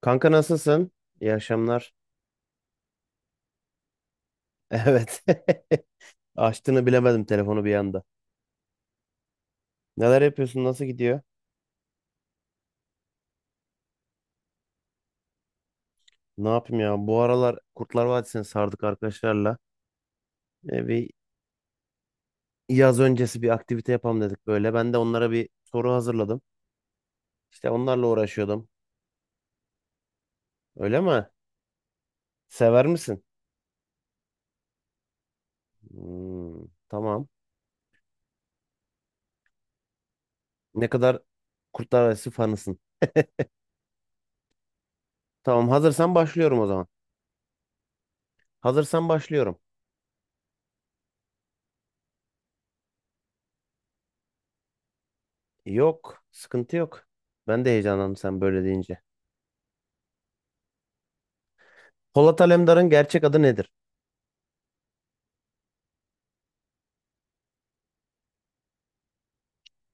Kanka nasılsın? İyi akşamlar. Evet. Açtığını bilemedim telefonu bir anda. Neler yapıyorsun? Nasıl gidiyor? Ne yapayım ya? Bu aralar Kurtlar Vadisi'ni sardık arkadaşlarla. Bir yaz öncesi bir aktivite yapalım dedik böyle. Ben de onlara bir soru hazırladım. İşte onlarla uğraşıyordum. Öyle mi? Sever misin? Hmm, tamam. Ne kadar Kurtlar Vadisi fanısın? Tamam. Hazırsan başlıyorum o zaman. Hazırsan başlıyorum. Yok. Sıkıntı yok. Ben de heyecanlandım sen böyle deyince. Polat Alemdar'ın gerçek adı nedir?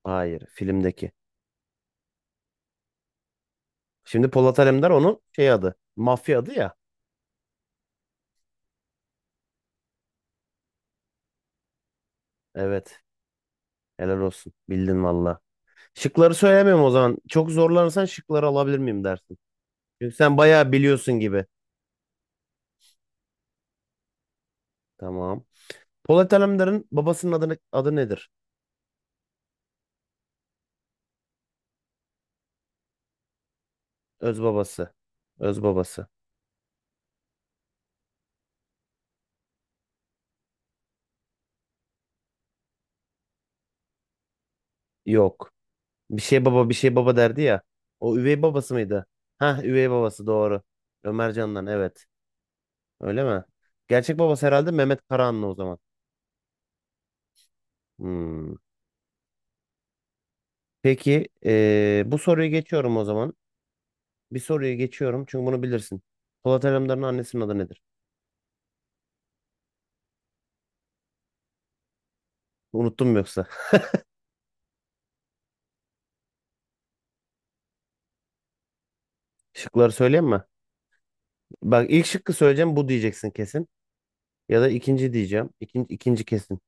Hayır, filmdeki. Şimdi Polat Alemdar onun şey adı. Mafya adı ya. Evet. Helal olsun. Bildin valla. Şıkları söylemiyorum o zaman. Çok zorlanırsan şıkları alabilir miyim dersin. Çünkü sen bayağı biliyorsun gibi. Tamam. Polat Alemdar'ın babasının adı nedir? Öz babası. Öz babası. Yok. Bir şey baba bir şey baba derdi ya. O üvey babası mıydı? Ha, üvey babası doğru. Ömer Can'dan, evet. Öyle mi? Gerçek babası herhalde Mehmet Karahanlı o zaman. Hmm. Peki bu soruyu geçiyorum o zaman. Bir soruyu geçiyorum çünkü bunu bilirsin. Polat Alemdar'ın annesinin adı nedir? Unuttun mu yoksa? Şıkları söyleyeyim mi? Bak ilk şıkkı söyleyeceğim bu diyeceksin kesin. Ya da ikinci diyeceğim. İkinci, ikinci kesin.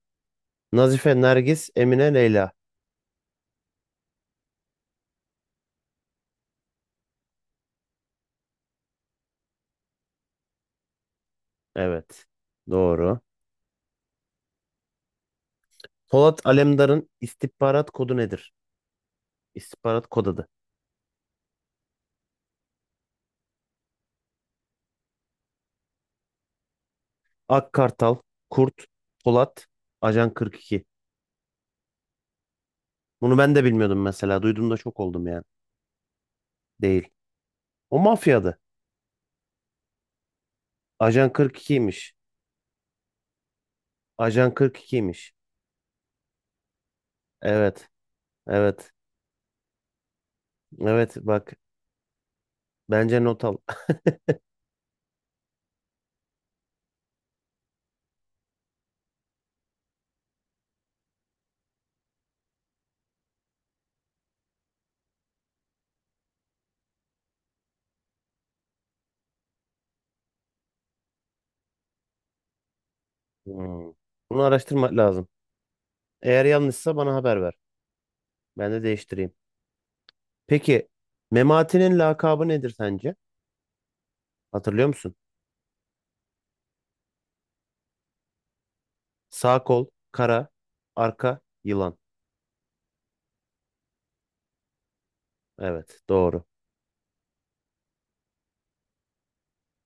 Nazife, Nergis, Emine, Leyla. Evet. Doğru. Polat Alemdar'ın istihbarat kodu nedir? İstihbarat kod adı. Ak Kartal, Kurt, Polat, Ajan 42. Bunu ben de bilmiyordum mesela. Duyduğumda şok oldum yani. Değil. O mafyadı. Ajan 42'ymiş. Ajan 42'ymiş. Evet. Evet. Evet, bak, bence not al. Hmm. Bunu araştırmak lazım. Eğer yanlışsa bana haber ver. Ben de değiştireyim. Peki, Memati'nin lakabı nedir sence? Hatırlıyor musun? Sağ kol, kara, arka, yılan. Evet, doğru.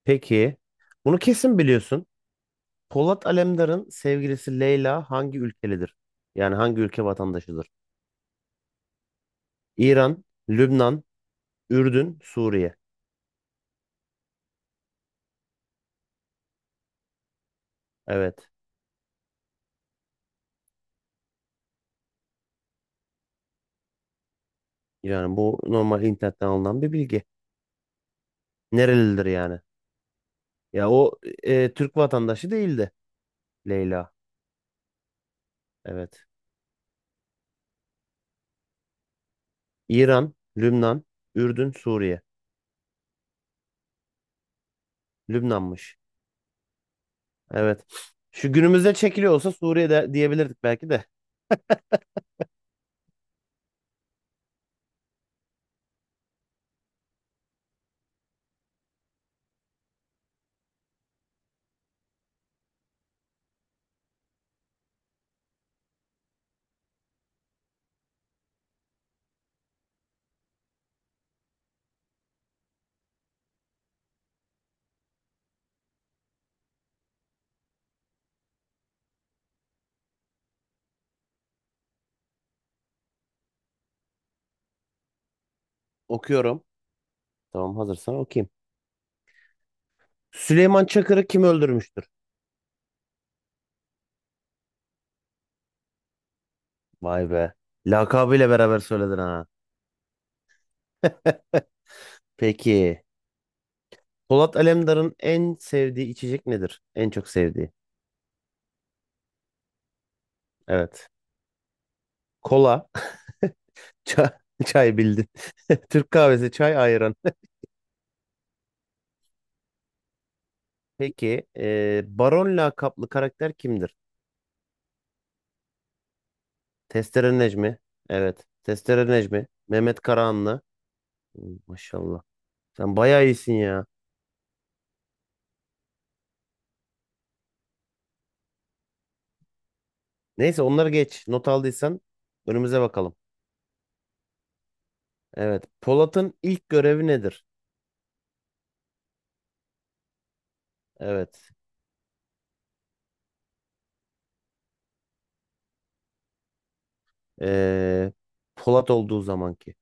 Peki, bunu kesin biliyorsun. Polat Alemdar'ın sevgilisi Leyla hangi ülkelidir? Yani hangi ülke vatandaşıdır? İran, Lübnan, Ürdün, Suriye. Evet. Yani bu normal internetten alınan bir bilgi. Nerelidir yani? Ya o Türk vatandaşı değildi Leyla. Evet. İran, Lübnan, Ürdün, Suriye. Lübnanmış. Evet. Şu günümüzde çekiliyor olsa Suriye'de diyebilirdik belki de. Okuyorum. Tamam, hazırsan okuyayım. Süleyman Çakır'ı kim öldürmüştür? Vay be. Lakabıyla beraber söyledin ha. Peki. Polat Alemdar'ın en sevdiği içecek nedir? En çok sevdiği. Evet. Kola. Çay, çay bildin. Türk kahvesi, çay, ayran. Peki, Baron lakaplı karakter kimdir? Testere Necmi. Evet. Testere Necmi. Mehmet Karahanlı. Hmm, maşallah. Sen bayağı iyisin ya. Neyse, onları geç. Not aldıysan önümüze bakalım. Evet. Polat'ın ilk görevi nedir? Evet. E, Polat olduğu zamanki.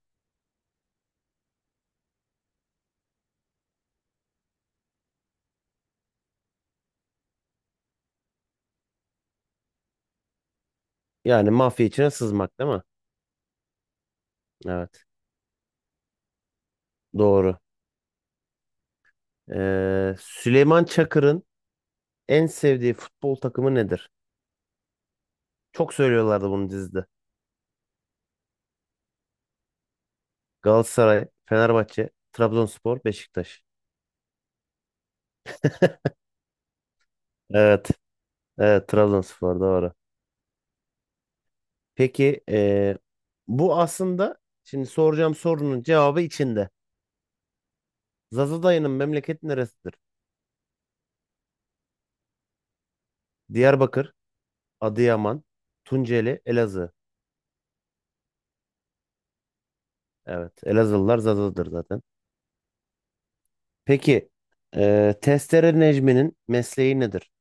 Yani mafya içine sızmak değil mi? Evet. Doğru. Süleyman Çakır'ın en sevdiği futbol takımı nedir? Çok söylüyorlardı bunu dizide. Galatasaray, Fenerbahçe, Trabzonspor, Beşiktaş. Evet, evet, Trabzonspor doğru. Peki bu aslında şimdi soracağım sorunun cevabı içinde. Zaza dayının memleketi neresidir? Diyarbakır, Adıyaman, Tunceli, Elazığ. Evet, Elazığlılar Zaza'dır zaten. Peki Testere Necmi'nin mesleği nedir?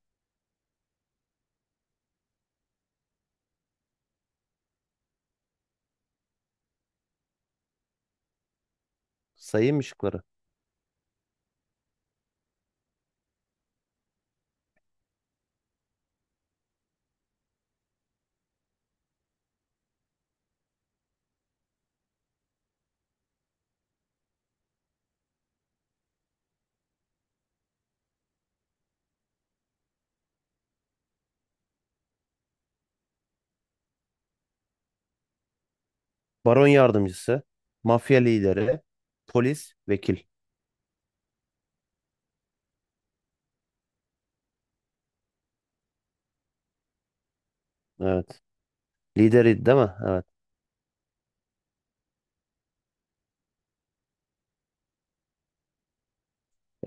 Sayayım mı şıkları? Baron yardımcısı, mafya lideri, polis, vekil. Evet. Lideri değil mi? Evet.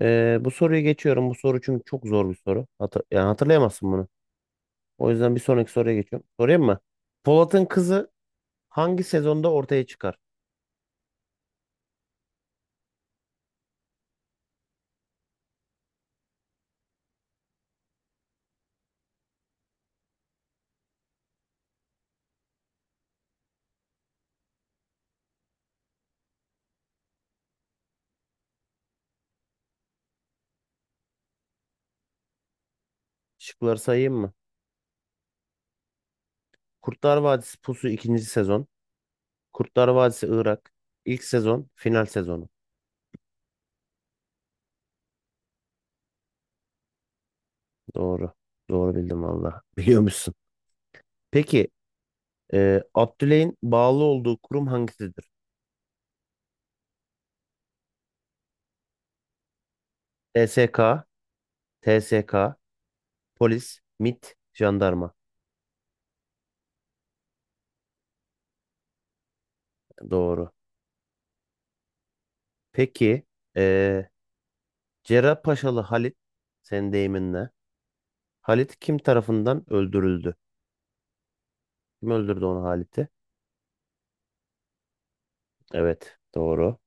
Bu soruyu geçiyorum. Bu soru çünkü çok zor bir soru. Yani hatırlayamazsın bunu. O yüzden bir sonraki soruya geçiyorum. Sorayım mı? Polat'ın kızı hangi sezonda ortaya çıkar? Şıkları sayayım mı? Kurtlar Vadisi Pusu ikinci sezon. Kurtlar Vadisi Irak, ilk sezon, final sezonu. Doğru. Doğru bildim valla. Biliyormuşsun. Peki, Abdüley'in bağlı olduğu kurum hangisidir? SSK, TSK, polis, MIT, jandarma. Doğru. Peki, e, Cerrahpaşalı Halit, senin deyiminle. Halit kim tarafından öldürüldü? Kim öldürdü onu, Halit'i? Evet, doğru.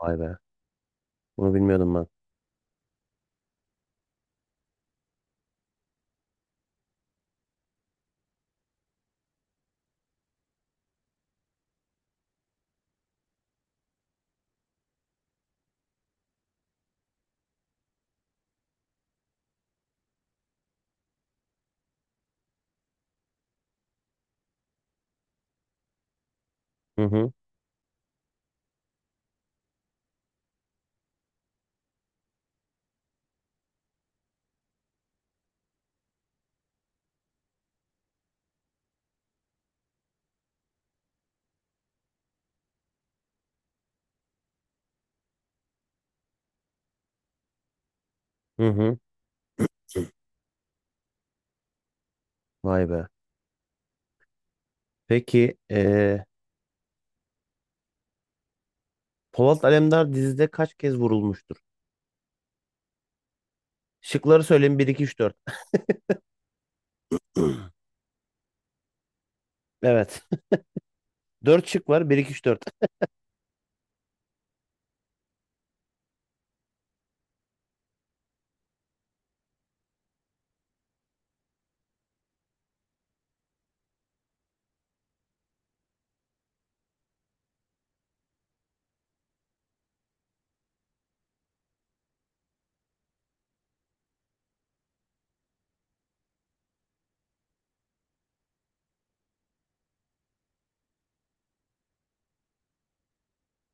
Vay be. Bunu bilmiyordum ben. Hı hı. Hı hı. Vay be. Peki Polat Alemdar dizide kaç kez vurulmuştur? Şıkları söyleyeyim: bir, iki, üç, 4. Evet. Dört şık var. Bir, iki, üç, dört.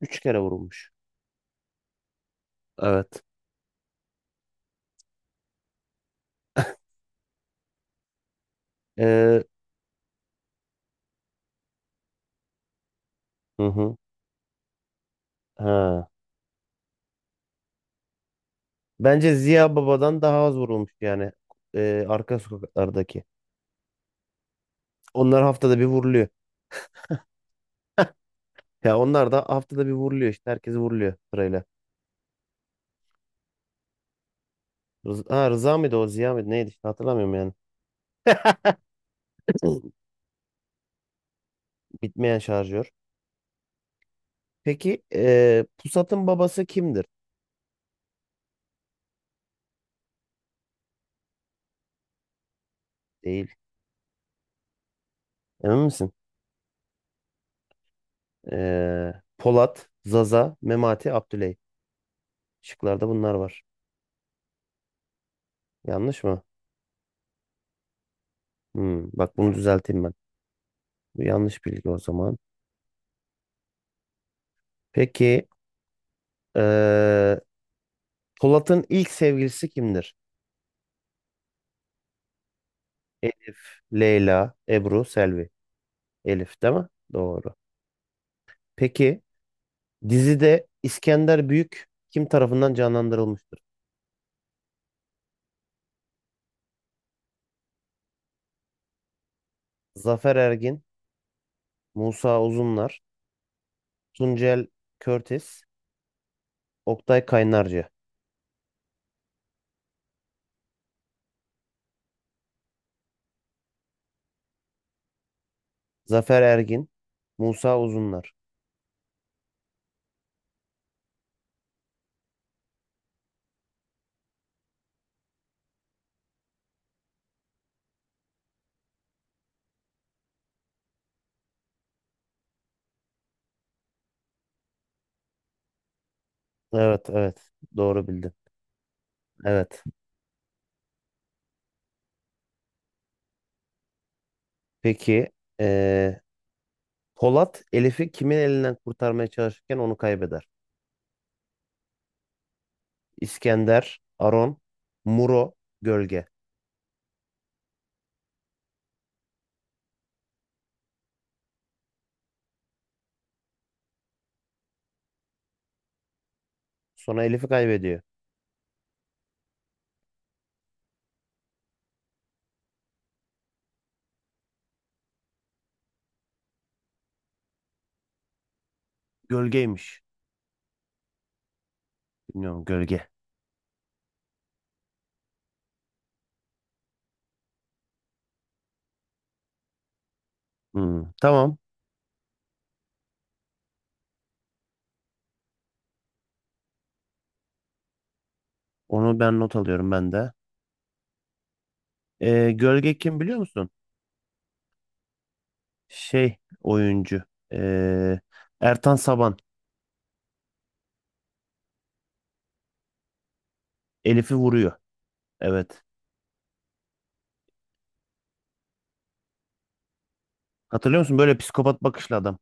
Üç kere vurulmuş. Evet. Eee, hı hı. Ha. Bence Ziya Baba'dan daha az vurulmuş yani. Arka sokaklardaki. Onlar haftada bir vuruluyor. Ya onlar da haftada bir vuruluyor işte. Herkesi vuruluyor sırayla. Ha, Rıza mıydı o, Ziya mıydı, neydi işte, hatırlamıyorum yani. Bitmeyen şarjör. Peki Pusat'ın babası kimdir? Değil. Emin misin? Polat, Zaza, Memati, Abdüley. Şıklarda bunlar var. Yanlış mı? Hmm, bak, bunu düzelteyim ben. Bu yanlış bilgi o zaman. Peki eee, Polat'ın ilk sevgilisi kimdir? Elif, Leyla, Ebru, Selvi. Elif değil mi? Doğru. Peki, dizide İskender Büyük kim tarafından canlandırılmıştır? Zafer Ergin, Musa Uzunlar, Tuncel Körtis, Oktay Kaynarca. Zafer Ergin, Musa Uzunlar. Evet, evet. Doğru bildin. Evet. Peki, eee, Polat Elif'i kimin elinden kurtarmaya çalışırken onu kaybeder? İskender, Aron, Muro, Gölge. Sonra Elif'i kaybediyor. Gölgeymiş. Bilmiyorum, gölge. Hmm, tamam. Onu ben not alıyorum, ben de. Gölge kim, biliyor musun? Şey, oyuncu. Ee, Ertan Saban. Elif'i vuruyor. Evet. Hatırlıyor musun? Böyle psikopat bakışlı adam.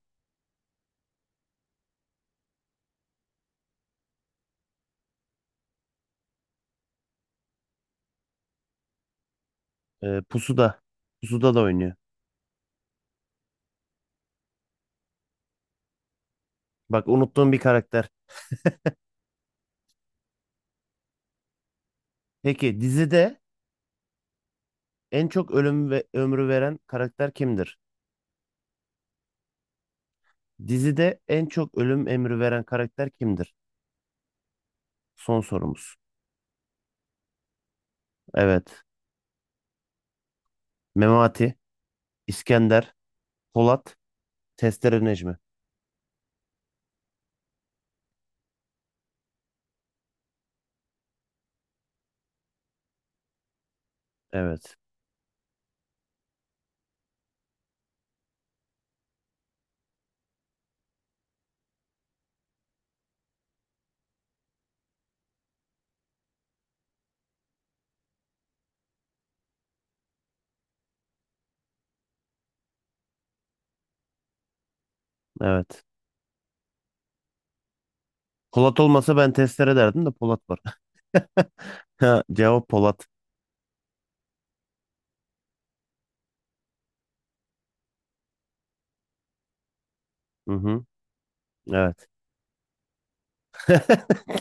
Pusuda. Pusuda da oynuyor. Bak, unuttuğum bir karakter. Peki, dizide en çok ölüm ve ömrü veren karakter kimdir? Dizide en çok ölüm emri veren karakter kimdir? Son sorumuz. Evet. Memati, İskender, Polat, Testere Necmi. Evet. Evet. Polat olmasa ben testere derdim, de Polat var. Ha, cevap Polat. Hı hı. Evet.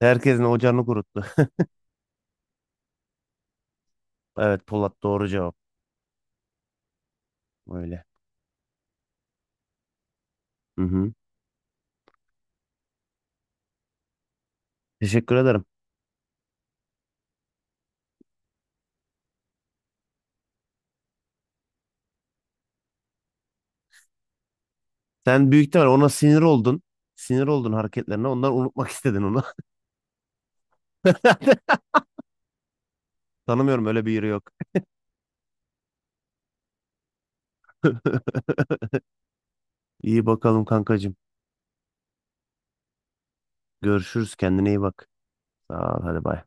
Herkesin ocağını kuruttu. Evet, Polat doğru cevap. Öyle. Hı hı. Teşekkür ederim. Sen büyük ihtimal ona sinir oldun. Sinir oldun hareketlerine. Ondan unutmak istedin onu. Tanımıyorum, öyle bir yeri yok. İyi bakalım kankacığım. Görüşürüz. Kendine iyi bak. Sağ ol. Hadi bay.